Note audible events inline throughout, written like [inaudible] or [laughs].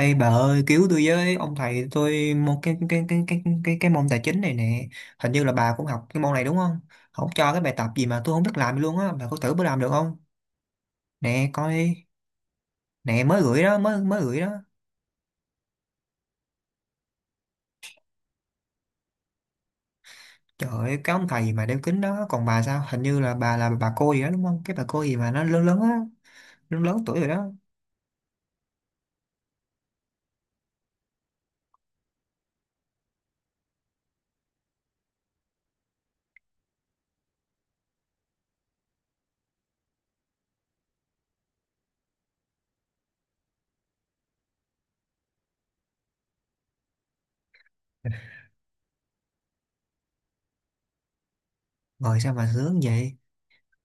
Ê bà ơi, cứu tôi với! Ông thầy tôi một cái môn tài chính này nè. Hình như là bà cũng học cái môn này đúng không? Không, cho cái bài tập gì mà tôi không biết làm luôn á. Bà có thử bữa làm được không? Nè, coi đi. Nè, mới gửi đó, mới mới gửi đó. Trời ơi, cái ông thầy mà đeo kính đó. Còn bà, sao hình như là bà cô gì đó đúng không? Cái bà cô gì mà nó lớn lớn á, lớn lớn tuổi rồi đó. Ngồi sao mà sướng vậy.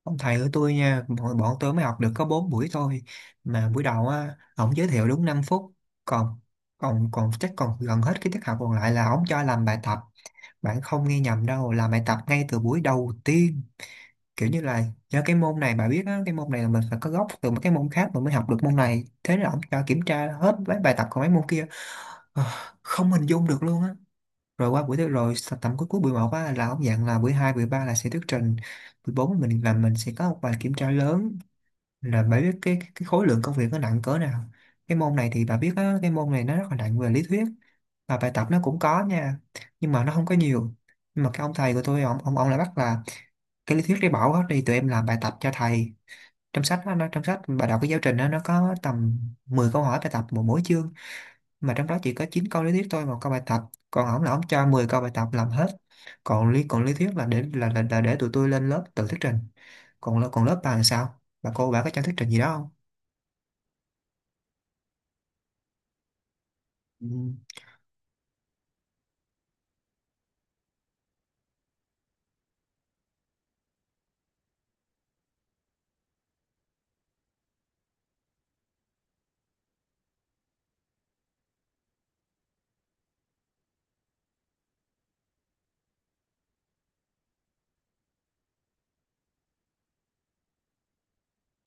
Ông thầy của tôi nha, bọn tôi mới học được có 4 buổi thôi. Mà buổi đầu á, ổng giới thiệu đúng 5 phút. Còn còn còn chắc còn gần hết cái tiết học còn lại là ổng cho làm bài tập. Bạn không nghe nhầm đâu, làm bài tập ngay từ buổi đầu tiên. Kiểu như là do cái môn này, bà biết á, cái môn này là mình phải có gốc từ một cái môn khác mình mới học được môn này. Thế là ổng cho kiểm tra hết mấy bài tập của mấy môn kia. Ờ, Không hình dung được luôn á. Rồi qua buổi thứ tầm cuối cuối buổi 1 á, là ổng dặn là buổi 2 buổi 3 là sẽ thuyết trình, buổi 4 mình sẽ có một bài kiểm tra lớn. Là bà biết cái cái khối lượng công việc nó nặng cỡ nào. Cái môn này thì bà biết á, cái môn này nó rất là nặng về lý thuyết, và bài tập nó cũng có nha, nhưng mà nó không có nhiều. Nhưng mà cái ông thầy của tôi, ông lại bắt là cái lý thuyết đi bỏ hết đi, tụi em làm bài tập cho thầy. Trong sách á, nó trong sách bà đọc cái giáo trình đó, nó có tầm 10 câu hỏi bài tập một mỗi chương, mà trong đó chỉ có 9 câu lý thuyết thôi, 1 câu bài tập. Còn ổng là ổng cho 10 câu bài tập làm hết. Còn lý thuyết là để tụi tôi lên lớp tự thuyết trình. Còn lớp bà làm sao, bà cô bà có cho thuyết trình gì đó? Ừ.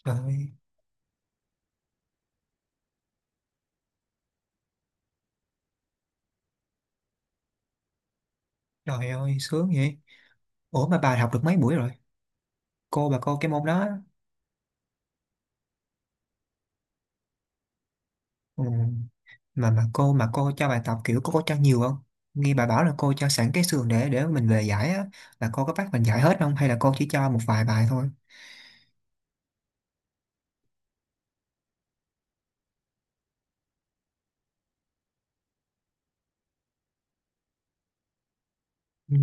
Trời. Trời ơi, sướng vậy. Ủa, mà bà học được mấy buổi rồi? Cô, bà cô cái môn đó. Ừ. Mà cô cho bài tập, kiểu cô có cho nhiều không? Nghe bà bảo là cô cho sẵn cái sườn để mình về giải á, là cô có bắt mình giải hết không hay là cô chỉ cho một vài bài thôi? Ừ.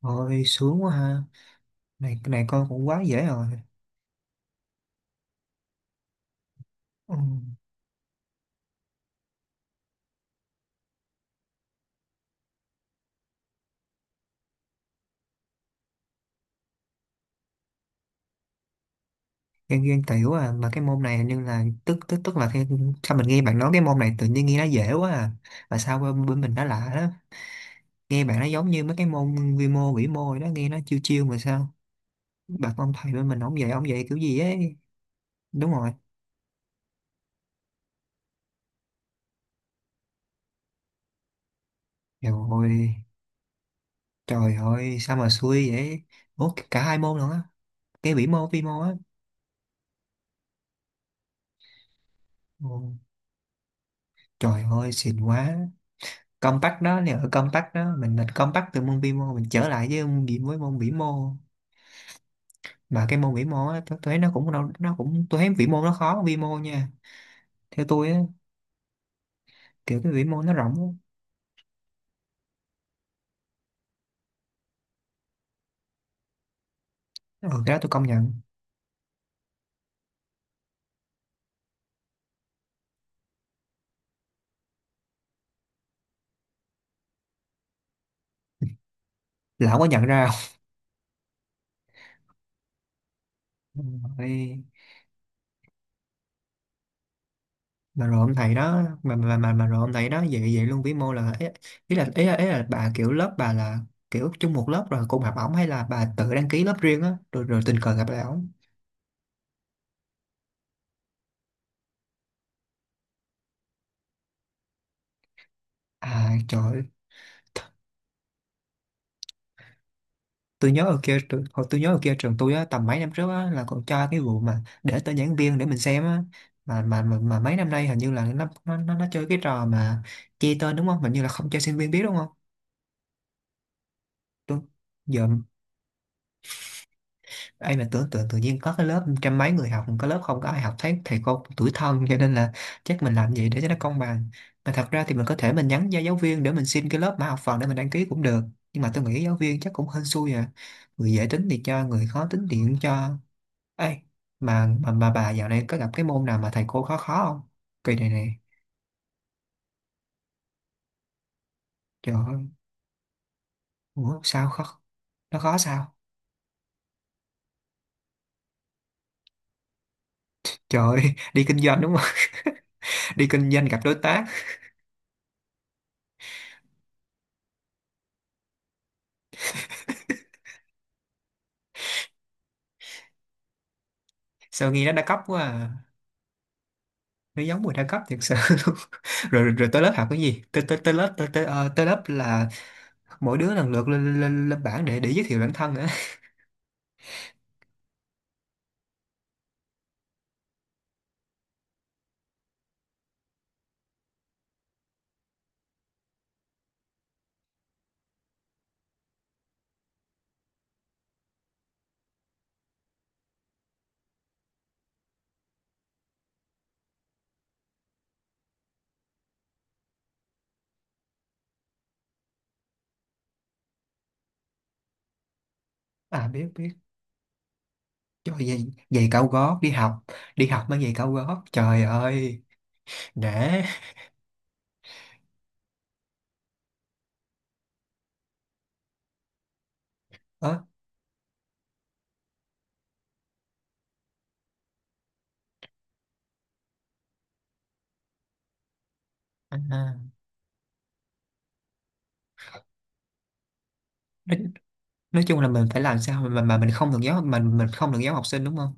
Ôi sướng quá ha. Này cái này con cũng quá dễ rồi. Ừ. Ghen ghen tiểu à. Mà cái môn này, nhưng là tức tức tức là cái, sao mình nghe bạn nói cái môn này tự nhiên nghe nó dễ quá à. Mà sao bên mình nó lạ đó. Nghe bạn nó giống như mấy cái môn vi mô vĩ mô rồi đó, nghe nó chiêu chiêu. Mà sao bạc, ông thầy bên mình ông dạy kiểu gì ấy. Đúng rồi. Trời ơi. Trời ơi, sao mà xui vậy. Ủa, cả hai môn luôn á? Cái vĩ mô vi mô á? Ồ, trời ơi, xịn quá. Compact đó nè, ở compact đó mình compact từ môn vi mô mình trở lại với môn vĩ mô. Mà cái môn vĩ mô á, tôi thấy nó cũng nó cũng, tôi thấy vĩ mô nó khó hơn vi mô nha, theo tôi á. Kiểu cái vĩ mô nó rộng á. Ừ, cái đó tôi công nhận. Lão có nhận ra không? [laughs] Ừ. Mà rồi ông thầy đó, mà rồi ông thầy đó vậy vậy luôn, vĩ mô là ý là bà kiểu lớp bà là kiểu chung một lớp rồi cùng học ổng, hay là bà tự đăng ký lớp riêng á rồi rồi tình cờ gặp lại ổng? À, trời ơi. Tôi nhớ ở kia trường tôi á, tầm mấy năm trước á là còn cho cái vụ mà để tên giảng viên để mình xem á. Mà mấy năm nay hình như là nó chơi cái trò mà che tên, đúng không? Hình như là không cho sinh viên biết đúng không? Tôi giờ, ai mà tưởng tượng tự nhiên có cái lớp trăm mấy người học, có lớp không có ai học, thấy thầy cô tủi thân. Cho nên là chắc mình làm gì để cho nó công bằng. Mà thật ra thì mình có thể mình nhắn cho giáo viên để mình xin cái lớp mã học phần để mình đăng ký cũng được, nhưng mà tôi nghĩ giáo viên chắc cũng hên xui à, người dễ tính thì cho, người khó tính thì cũng cho. Ê, mà mà bà dạo này có gặp cái môn nào mà thầy cô khó khó không? Kỳ này này. Trời ơi. Ủa sao khó. Nó khó sao. Trời ơi, [laughs] đi kinh doanh đúng không? [laughs] Đi kinh doanh gặp đối tác. Sao nghe nó đa cấp quá à. Nó giống mùi đa cấp thiệt sự. [laughs] Rồi, rồi tới lớp học cái gì, tới tới tới lớp tới tới, ờ, tới lớp là mỗi đứa lần lượt lên lên, lên bảng để giới thiệu bản thân nữa. À biết biết. Trời giày, giày cao gót đi học. Đi học mang giày cao gót, trời ơi. Để ờ, à, à. nói, nói chung là mình phải làm sao mà mình không được giáo, mình không được giáo học sinh đúng không?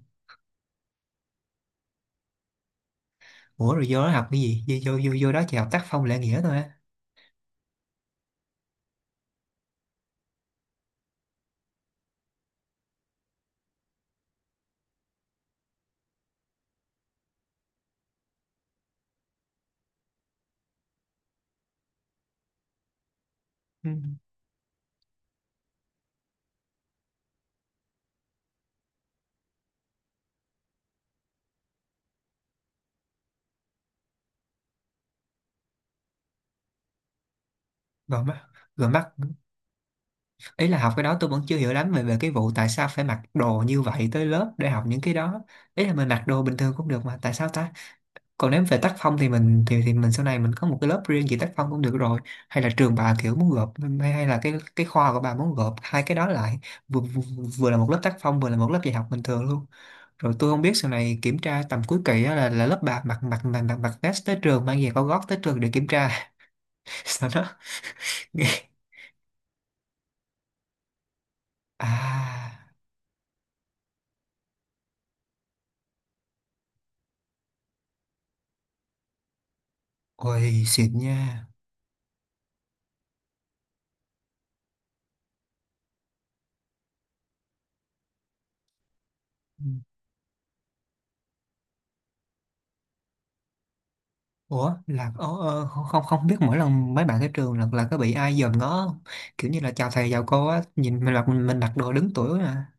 Ủa rồi vô đó học cái gì, vô đó chỉ học tác phong lễ nghĩa thôi á? Ừ. Rồi mắt. Rồi mắc, ý là học cái đó tôi vẫn chưa hiểu lắm về về cái vụ tại sao phải mặc đồ như vậy tới lớp để học những cái đó. Ý là mình mặc đồ bình thường cũng được mà, tại sao ta? Còn nếu về tác phong thì mình sau này mình có một cái lớp riêng về tác phong cũng được rồi. Hay là trường bà kiểu muốn gộp, hay hay là cái khoa của bà muốn gộp hai cái đó lại, vừa, vừa, vừa là một lớp tác phong, vừa là một lớp dạy học bình thường luôn. Rồi tôi không biết sau này kiểm tra tầm cuối kỳ á là lớp bà mặc mặc mặc mặc mặc vest tới trường, mang giày cao gót tới trường để kiểm tra. [laughs] Sau đó nghe à. Ôi xịn nha. Ừ. Ủa là không, không biết mỗi lần mấy bạn tới trường là có bị ai dòm ngó không? Kiểu như là chào thầy chào cô á, nhìn mình mặc, mặc đồ đứng tuổi mà.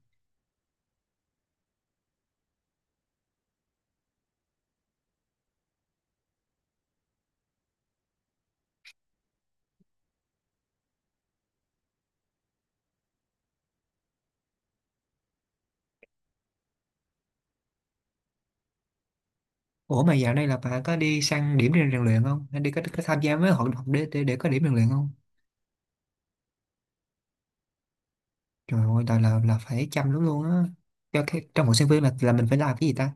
Ủa mà dạo này là bạn có đi sang điểm rèn rèn luyện không? Hay đi có tham gia mấy hoạt động để, để có điểm rèn luyện không? Trời ơi là là phải chăm lắm luôn á. Cho cái, trong một sinh viên là mình phải làm cái gì ta?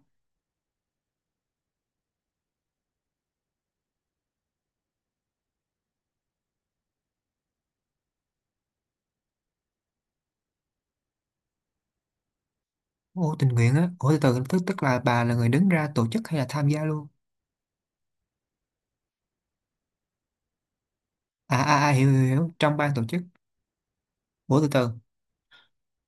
Ô tình nguyện á. Ủa từ từ, tức tức là bà là người đứng ra tổ chức hay là tham gia luôn? À à, à hiểu, hiểu trong ban tổ chức. Ủa từ từ,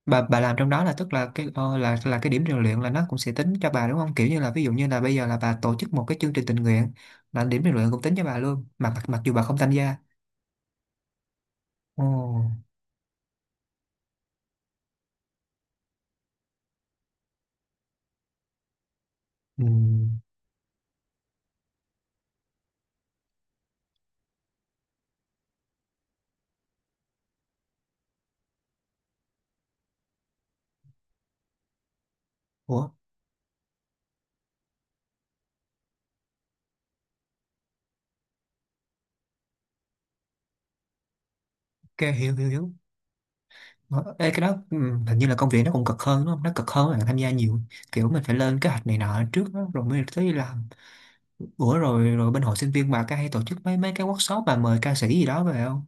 bà làm trong đó là tức là cái là cái điểm rèn luyện là nó cũng sẽ tính cho bà đúng không, kiểu như là ví dụ như là bây giờ là bà tổ chức một cái chương trình tình nguyện, là điểm rèn luyện cũng tính cho bà luôn mà mặc dù bà không tham gia. Ồ. Ừ. Ủa. Ok hiểu hiểu hiểu. Ờ, ê, cái đó, ừ, hình như là công việc nó cũng cực hơn đúng không, nó cực hơn là tham gia nhiều, kiểu mình phải lên kế hoạch này nọ trước đó, rồi mới tới đi làm. Ủa rồi, bên hội sinh viên bà có hay tổ chức mấy mấy cái workshop mà mời ca sĩ gì đó về không?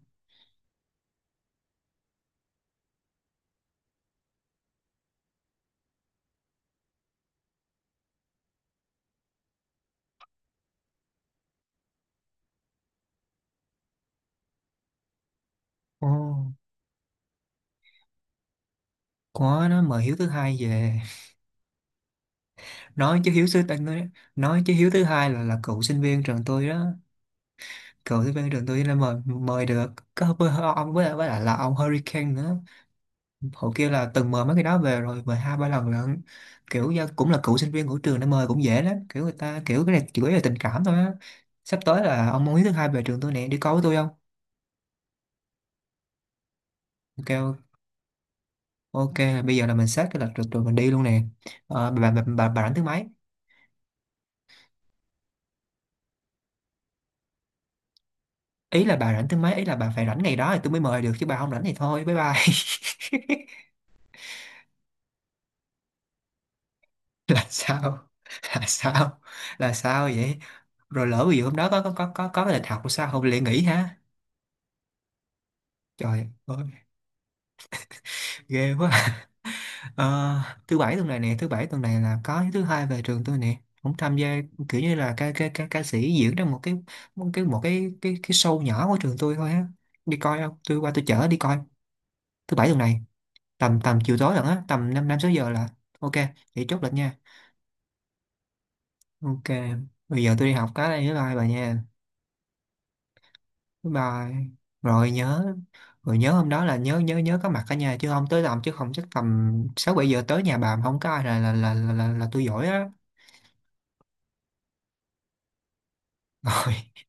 Ồ có, nó mời Hiếu Thứ Hai về. Nói chứ Hiếu sư tận nói chứ Hiếu Thứ Hai là cựu sinh viên trường tôi đó, cựu sinh viên trường tôi nên mời mời được. Có với ông với lại là ông Hurricane nữa. Hồi kia là từng mời mấy cái đó về rồi, mời 2 3 lần lận. Kiểu do cũng là cựu sinh viên của trường nên mời cũng dễ lắm. Kiểu người ta kiểu cái này chủ yếu là tình cảm thôi á. Sắp tới là ông Hiếu Thứ Hai về trường tôi nè, đi coi với tôi không? Ok. Ok. Bây giờ là mình xét cái lịch rồi, rồi mình đi luôn nè. Ờ, bà rảnh thứ mấy? Ý là bà rảnh thứ mấy, ý là bà phải rảnh ngày đó thì tôi mới mời được chứ bà không rảnh thì thôi bye bye. [laughs] [laughs] Là sao. Là sao. Là sao vậy. Rồi lỡ ví dụ hôm đó có cái lịch học sao, không lại nghỉ hả? Trời ơi. Ghê quá. [laughs] Ờ, thứ bảy tuần này nè, thứ bảy tuần này là có Thứ Hai về trường tôi nè, cũng tham gia, kiểu như là ca sĩ diễn trong một cái show nhỏ của trường tôi thôi á. Đi coi không, tôi qua tôi chở đi coi. Thứ bảy tuần này, tầm tầm chiều tối lận á, tầm năm 5 6 giờ là. Ok. Vậy chốt lịch nha. Ok. Bây giờ tôi đi học cái đây, bye bye bà nha. Bye bye. Rồi nhớ. Rồi nhớ hôm đó là nhớ, nhớ có mặt cả nhà chứ không, tới làm chứ không chắc tầm 6 7 giờ tới nhà bà mà không có ai là là tôi giỏi á. [laughs] Rồi.